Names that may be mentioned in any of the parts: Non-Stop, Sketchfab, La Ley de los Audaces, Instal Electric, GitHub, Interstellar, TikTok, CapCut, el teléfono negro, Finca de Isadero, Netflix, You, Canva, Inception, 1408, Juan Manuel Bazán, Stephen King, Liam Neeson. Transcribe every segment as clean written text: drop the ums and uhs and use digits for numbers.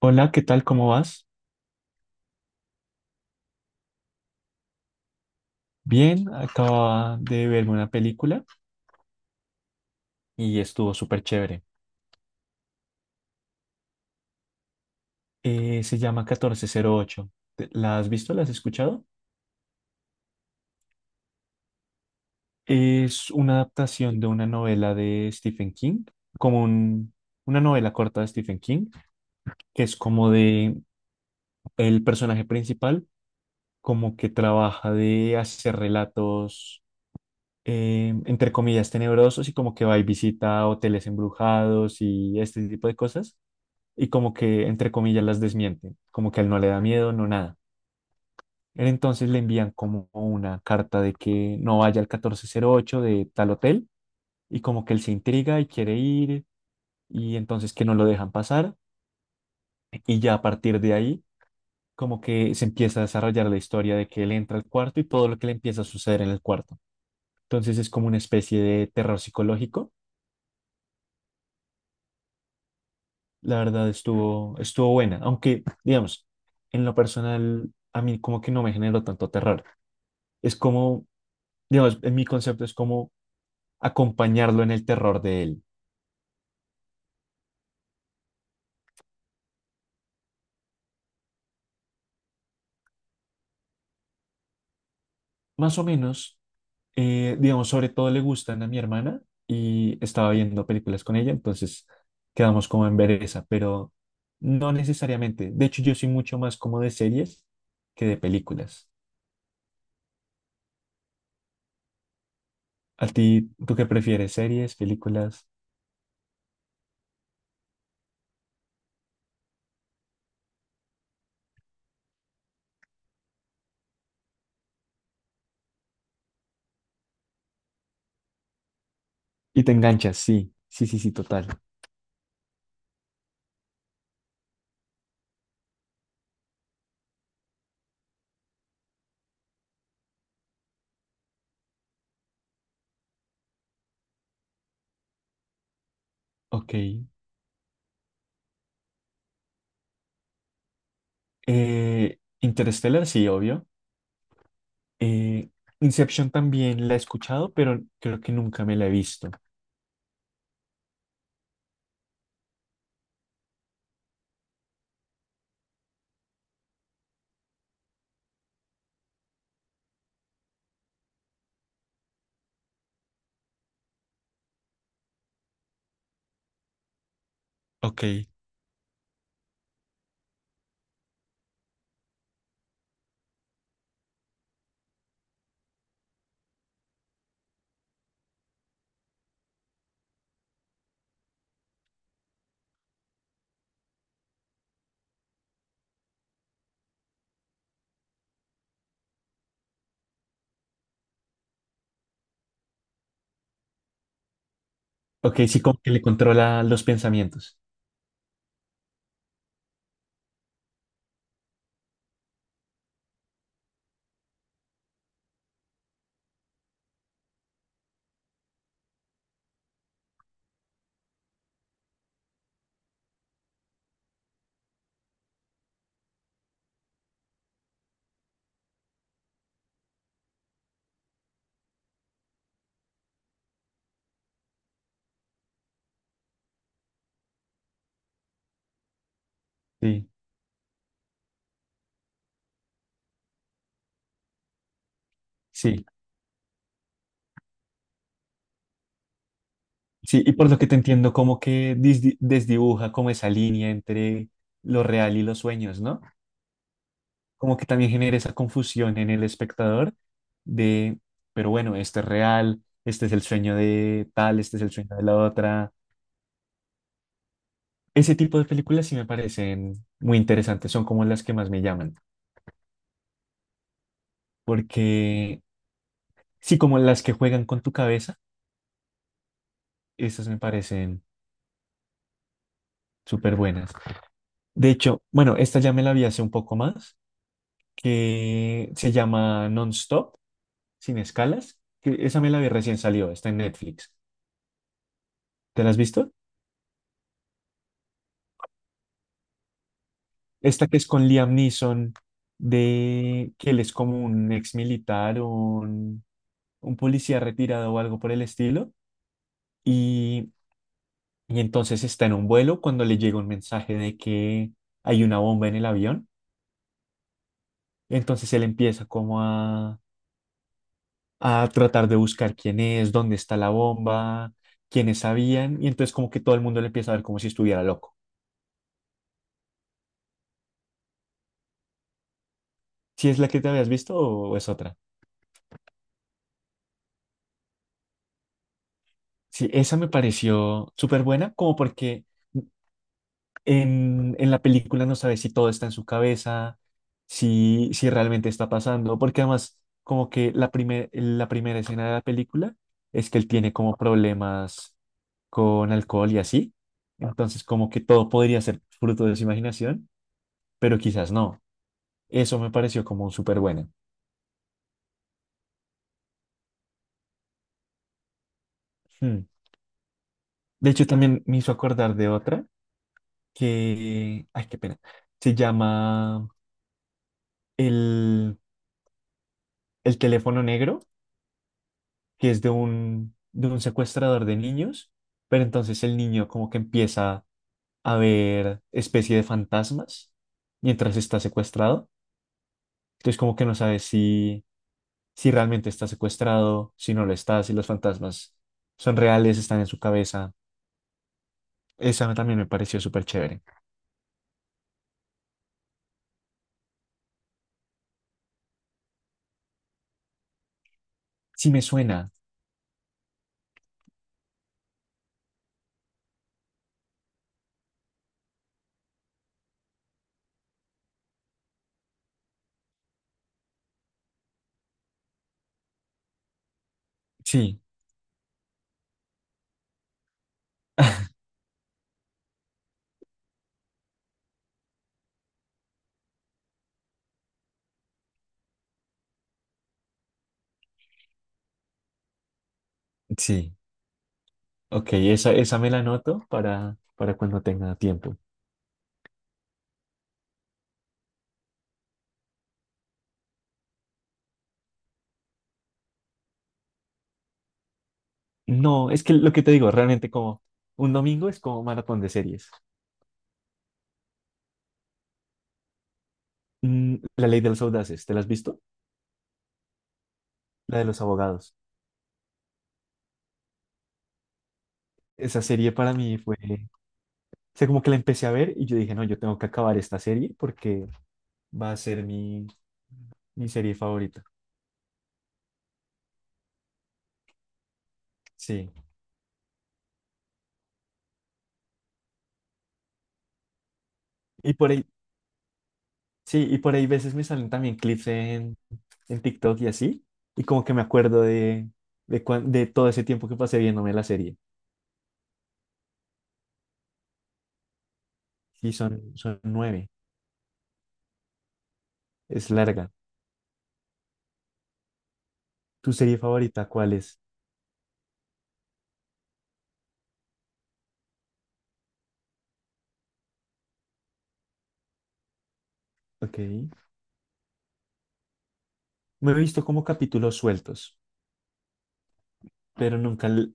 Hola, ¿qué tal? ¿Cómo vas? Bien, acababa de verme una película y estuvo súper chévere. Se llama 1408. ¿La has visto? ¿La has escuchado? Es una adaptación de una novela de Stephen King, como un- una novela corta de Stephen King, que es como de el personaje principal, como que trabaja de hacer relatos, entre comillas, tenebrosos y como que va y visita hoteles embrujados y este tipo de cosas y como que, entre comillas, las desmiente como que a él no le da miedo, no nada. Él entonces le envían como una carta de que no vaya al catorce cero ocho de tal hotel y como que él se intriga y quiere ir y entonces que no lo dejan pasar y ya a partir de ahí como que se empieza a desarrollar la historia de que él entra al cuarto y todo lo que le empieza a suceder en el cuarto. Entonces es como una especie de terror psicológico. La verdad estuvo buena, aunque digamos, en lo personal a mí como que no me generó tanto terror. Es como digamos, en mi concepto es como acompañarlo en el terror de él. Más o menos, digamos, sobre todo le gustan a mi hermana y estaba viendo películas con ella, entonces quedamos como en ver esa, pero no necesariamente. De hecho, yo soy mucho más como de series que de películas. ¿A ti, tú qué prefieres? ¿Series, películas? Y te enganchas, sí, sí, sí, sí, total. Ok. Interstellar, sí, obvio. Eh, Inception también la he escuchado, pero creo que nunca me la he visto. Ok, ok, sí, como que le controla los pensamientos. Sí, sí, sí. Y por lo que te entiendo, como que desdibuja como esa línea entre lo real y los sueños, ¿no? Como que también genera esa confusión en el espectador de, pero bueno, este es real, este es el sueño de tal, este es el sueño de la otra. Ese tipo de películas sí me parecen muy interesantes, son como las que más me llaman, porque sí, como las que juegan con tu cabeza, esas me parecen súper buenas. De hecho, bueno, esta ya me la vi hace un poco más, que se llama Non-Stop, sin escalas, que esa me la vi recién salió, está en Netflix. ¿Te la has visto? Esta que es con Liam Neeson, de que él es como un ex militar un policía retirado o algo por el estilo, y, y entonces está en un vuelo cuando le llega un mensaje de que hay una bomba en el avión, entonces él empieza como a tratar de buscar quién es, dónde está la bomba, quiénes sabían, y entonces como que todo el mundo le empieza a ver como si estuviera loco. ¿Si es la que te habías visto o es otra? Sí, esa me pareció súper buena, como porque en la película no sabes si todo está en su cabeza, si realmente está pasando, porque además como que la primera escena de la película es que él tiene como problemas con alcohol y así, entonces como que todo podría ser fruto de su imaginación, pero quizás no. Eso me pareció como súper buena. Hmm. De hecho, también me hizo acordar de otra que, ay, qué pena, se llama el, el teléfono negro, que es de de un secuestrador de niños, pero entonces el niño como que empieza a ver especie de fantasmas mientras está secuestrado. Entonces como que no sabe si, si realmente está secuestrado, si no lo está, si los fantasmas son reales, están en su cabeza. Esa también me pareció súper chévere. Sí me suena. Sí, sí. Ok, esa me la anoto para cuando tenga tiempo. No, es que lo que te digo, realmente como un domingo es como maratón de series. Mm, La Ley de los Audaces, ¿te la has visto? La de los abogados. Esa serie para mí fue, o sea, como que la empecé a ver y yo dije, no, yo tengo que acabar esta serie porque va a ser mi serie favorita. Sí. Y por ahí, sí, y por ahí veces me salen también clips en TikTok y así, y como que me acuerdo de, de todo ese tiempo que pasé viéndome la serie. Sí, son 9, es larga. ¿Tu serie favorita cuál es? Ok. Me he visto como capítulos sueltos, pero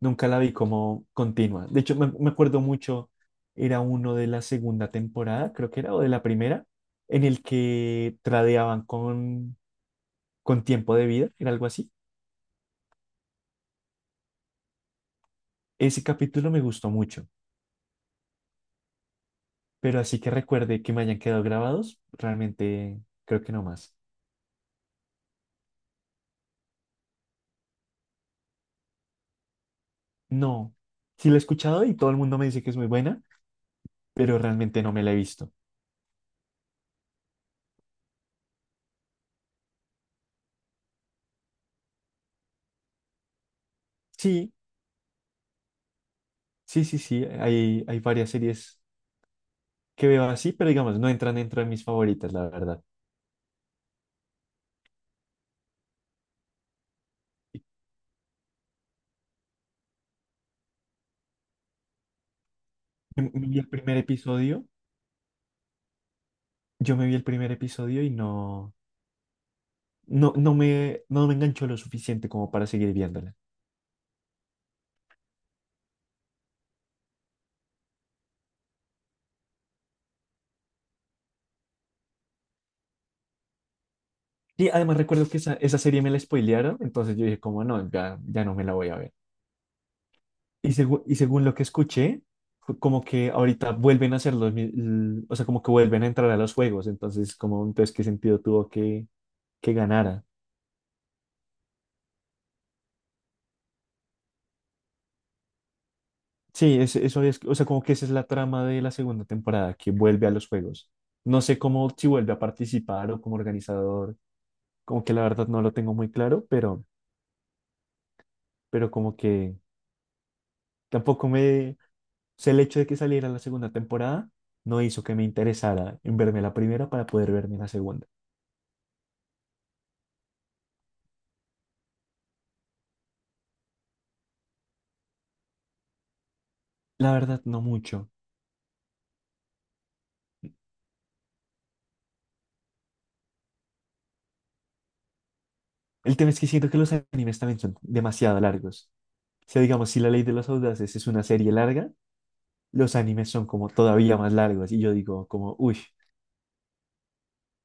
nunca la vi como continua. De hecho, me acuerdo mucho, era uno de la segunda temporada, creo que era, o de la primera, en el que tradeaban con tiempo de vida, era algo así. Ese capítulo me gustó mucho. Pero así que recuerde que me hayan quedado grabados, realmente creo que no más. No, sí la he escuchado y todo el mundo me dice que es muy buena, pero realmente no me la he visto. Sí, sí, sí, sí, hay varias series que veo así, pero digamos, no entran dentro de mis favoritas, la verdad. Me vi el primer episodio, yo me vi el primer episodio y no, no, no me enganchó lo suficiente como para seguir viéndola. Y además recuerdo que esa serie me la spoilearon, entonces yo dije como no, ya, ya no me la voy a ver. Y, y según lo que escuché, fue como que ahorita vuelven a hacer o sea, como que vuelven a entrar a los juegos, entonces, como, entonces, ¿qué sentido tuvo que ganara? Sí, eso es, o sea, como que esa es la trama de la segunda temporada, que vuelve a los juegos. No sé cómo, si vuelve a participar o como organizador, como que la verdad no lo tengo muy claro, pero como que tampoco me, o sea, el hecho de que saliera la segunda temporada no hizo que me interesara en verme la primera para poder verme la segunda. La verdad, no mucho. El tema es que siento que los animes también son demasiado largos. O sea, digamos, si La Ley de los Audaces es una serie larga, los animes son como todavía más largos. Y yo digo, como, uy,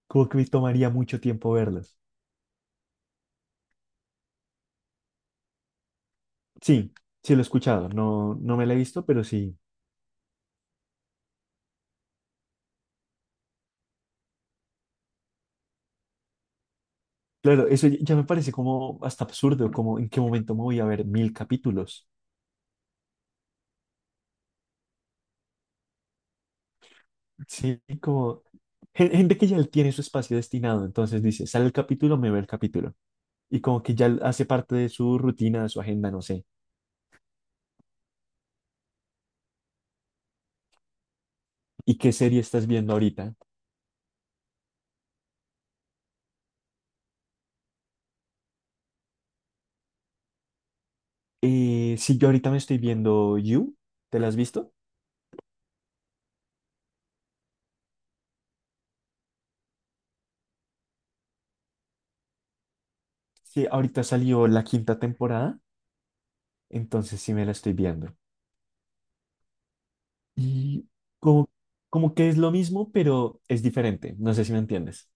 como que me tomaría mucho tiempo verlos. Sí, sí lo he escuchado, no, no me la he visto, pero sí. Claro, eso ya me parece como hasta absurdo, como en qué momento me voy a ver 1000 capítulos. Sí, como gente que ya tiene su espacio destinado, entonces dice, sale el capítulo, me ve el capítulo. Y como que ya hace parte de su rutina, de su agenda, no sé. ¿Y qué serie estás viendo ahorita? Sí, yo ahorita me estoy viendo You, ¿te la has visto? Sí, ahorita salió la quinta temporada, entonces sí me la estoy viendo. Y como, como que es lo mismo, pero es diferente, no sé si me entiendes.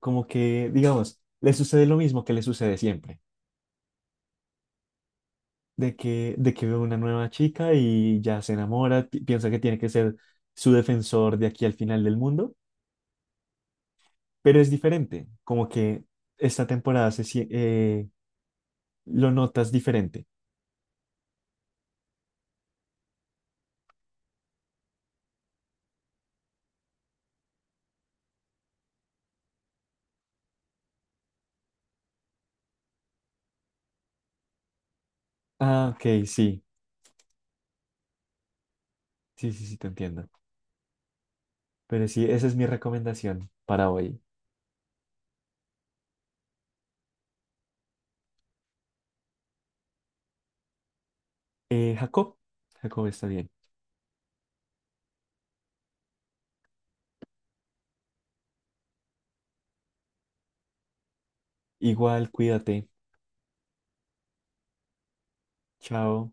Como que, digamos, le sucede lo mismo que le sucede siempre, de que ve una nueva chica y ya se enamora, piensa que tiene que ser su defensor de aquí al final del mundo, pero es diferente, como que esta temporada lo notas diferente. Ah, ok, sí, sí, sí, sí, te entiendo. Pero sí, esa es mi recomendación para hoy. Jacob, Jacob está bien. Igual, cuídate. Chao.